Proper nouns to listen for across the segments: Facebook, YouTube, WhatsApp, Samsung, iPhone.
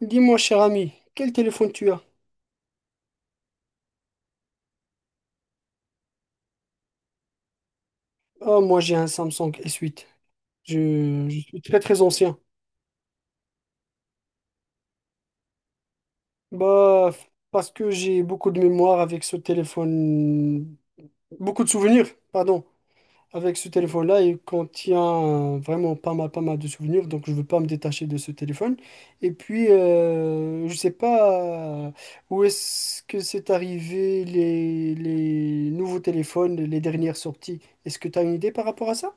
Dis-moi, cher ami, quel téléphone tu as? Ah, moi, j'ai un Samsung S8. Je suis très, très ancien. Bah, parce que j'ai beaucoup de mémoire avec ce téléphone, beaucoup de souvenirs, pardon, avec ce téléphone-là. Il contient vraiment pas mal, pas mal de souvenirs, donc je veux pas me détacher de ce téléphone. Et puis, je sais pas où est-ce que c'est arrivé les nouveaux téléphones, les dernières sorties. Est-ce que tu as une idée par rapport à ça?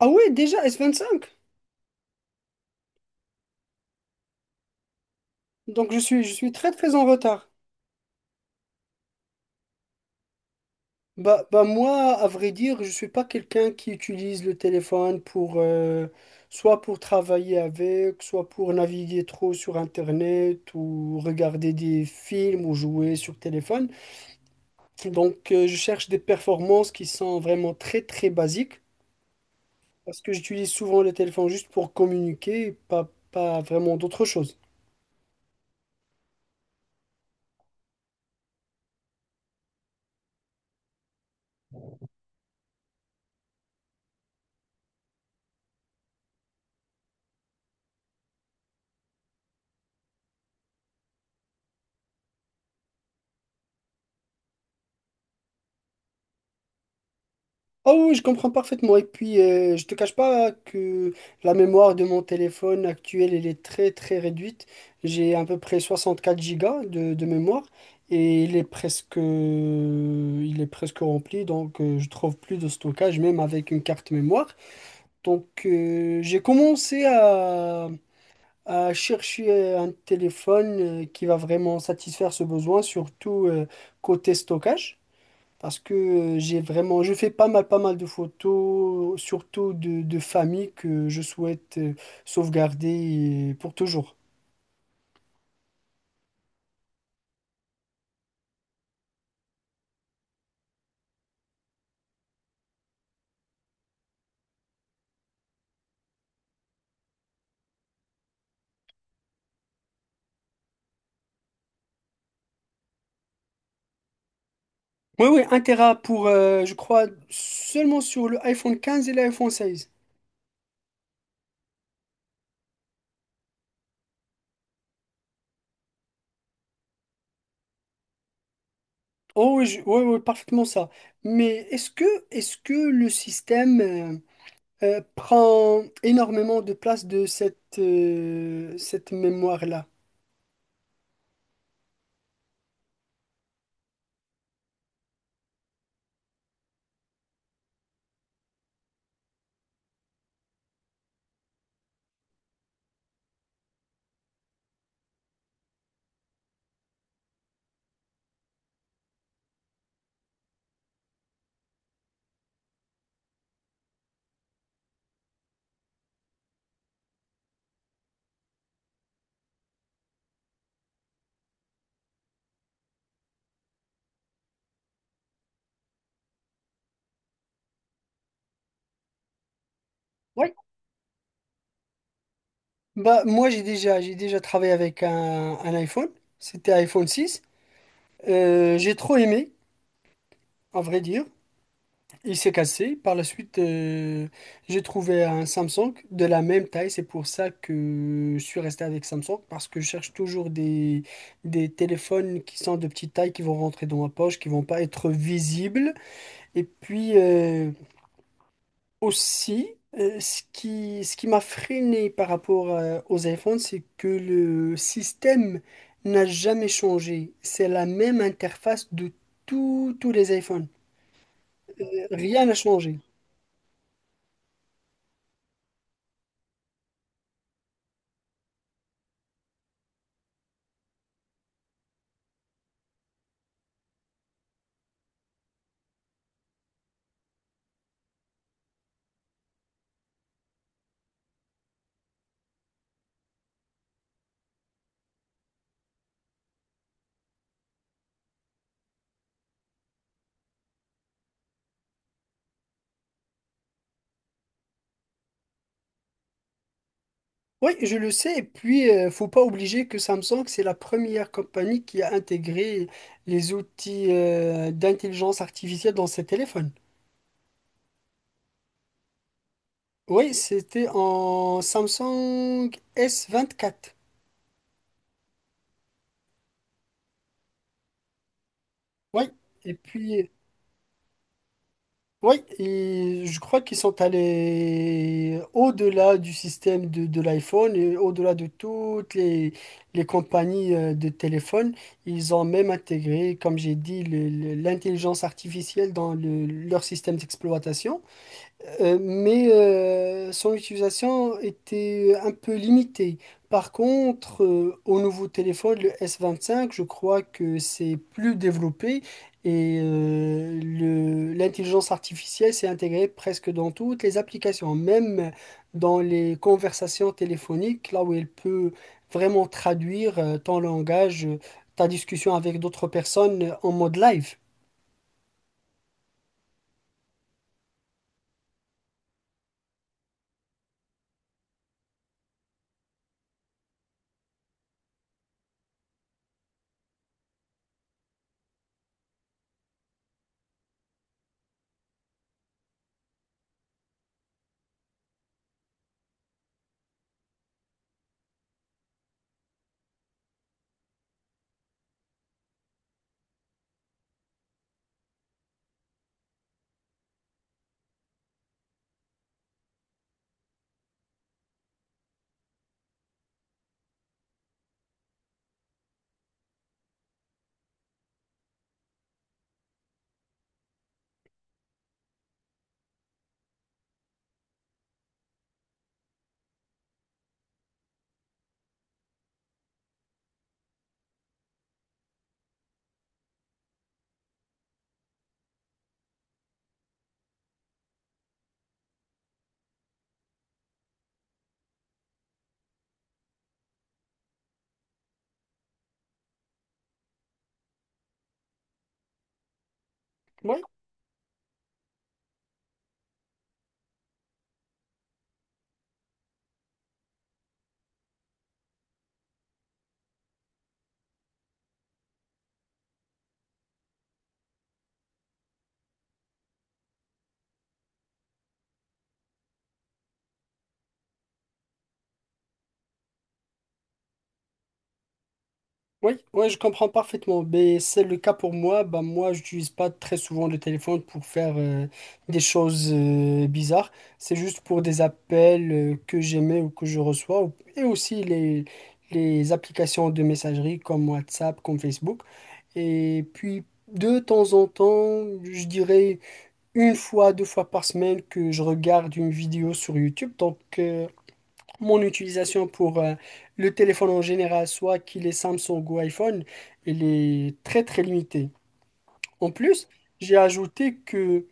Ah ouais, déjà S25. Donc je suis très très en retard. Bah, bah moi, à vrai dire, je suis pas quelqu'un qui utilise le téléphone pour soit pour travailler avec, soit pour naviguer trop sur Internet ou regarder des films ou jouer sur téléphone. Donc je cherche des performances qui sont vraiment très très basiques parce que j'utilise souvent le téléphone juste pour communiquer, pas vraiment d'autre chose. Ah oui, oui, je comprends parfaitement. Et puis, je te cache pas que la mémoire de mon téléphone actuel, elle est très très réduite. J'ai à peu près 64 gigas de mémoire et il est presque rempli, donc je trouve plus de stockage, même avec une carte mémoire. Donc, j'ai commencé à chercher un téléphone qui va vraiment satisfaire ce besoin, surtout côté stockage. Parce que j'ai vraiment, je fais pas mal, pas mal de photos, surtout de famille que je souhaite sauvegarder pour toujours. Oui, oui, 1 Tera pour je crois, seulement sur le iPhone 15 et l'iPhone 16. Oh oui, oui, oui, parfaitement ça. Mais est-ce que le système prend énormément de place de cette mémoire-là? Oui. Bah, moi, j'ai déjà travaillé avec un iPhone. C'était iPhone 6. J'ai trop aimé, à vrai dire. Il s'est cassé. Par la suite, j'ai trouvé un Samsung de la même taille. C'est pour ça que je suis resté avec Samsung, parce que je cherche toujours des téléphones qui sont de petite taille, qui vont rentrer dans ma poche, qui vont pas être visibles. Et puis aussi, ce qui m'a freiné par rapport aux iPhones, c'est que le système n'a jamais changé. C'est la même interface de tous les iPhones. Rien n'a changé. Oui, je le sais. Et puis, faut pas obliger que Samsung, c'est la première compagnie qui a intégré les outils d'intelligence artificielle dans ses téléphones. Oui, c'était en Samsung S24. Oui. Et puis, oui, et je crois qu'ils sont allés au-delà du système de l'iPhone et au-delà de toutes les compagnies de téléphones. Ils ont même intégré, comme j'ai dit, l'intelligence artificielle dans leur système d'exploitation. Mais son utilisation était un peu limitée. Par contre, au nouveau téléphone, le S25, je crois que c'est plus développé et l'intelligence artificielle s'est intégrée presque dans toutes les applications, même dans les conversations téléphoniques, là où elle peut vraiment traduire ton langage, ta discussion avec d'autres personnes en mode live. Ouais. Oui, ouais, je comprends parfaitement. Mais c'est le cas pour moi. Bah, moi, je n'utilise pas très souvent le téléphone pour faire des choses bizarres. C'est juste pour des appels que j'aimais ou que je reçois. Et aussi les applications de messagerie comme WhatsApp, comme Facebook. Et puis, de temps en temps, je dirais une fois, deux fois par semaine que je regarde une vidéo sur YouTube. Donc, mon utilisation pour le téléphone en général, soit qu'il est Samsung ou iPhone, il est très très limité. En plus, j'ai ajouté que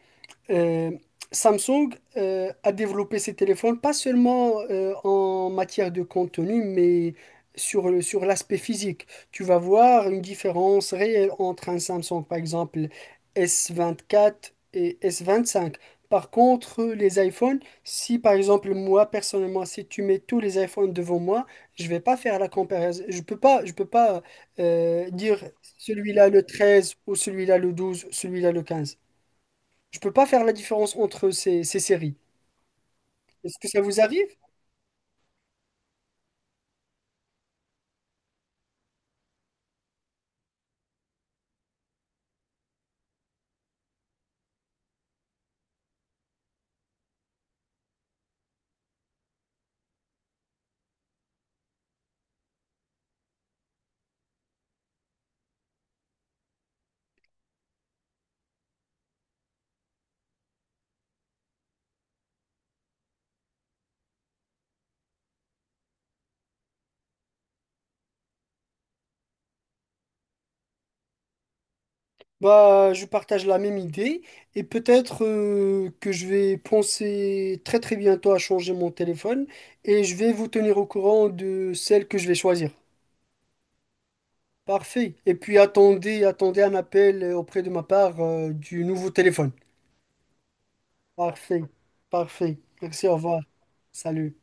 euh, Samsung a développé ses téléphones pas seulement en matière de contenu, mais sur l'aspect physique. Tu vas voir une différence réelle entre un Samsung, par exemple, S24 et S25. Par contre, les iPhones, si par exemple moi personnellement, si tu mets tous les iPhones devant moi, je vais pas faire la comparaison. Je peux pas dire celui-là le 13 ou celui-là le 12, celui-là le 15. Je peux pas faire la différence entre ces séries. Est-ce que ça vous arrive? Bah, je partage la même idée et peut-être que je vais penser très très bientôt à changer mon téléphone et je vais vous tenir au courant de celle que je vais choisir. Parfait. Et puis attendez, attendez un appel auprès de ma part du nouveau téléphone. Parfait. Parfait. Merci, au revoir. Salut.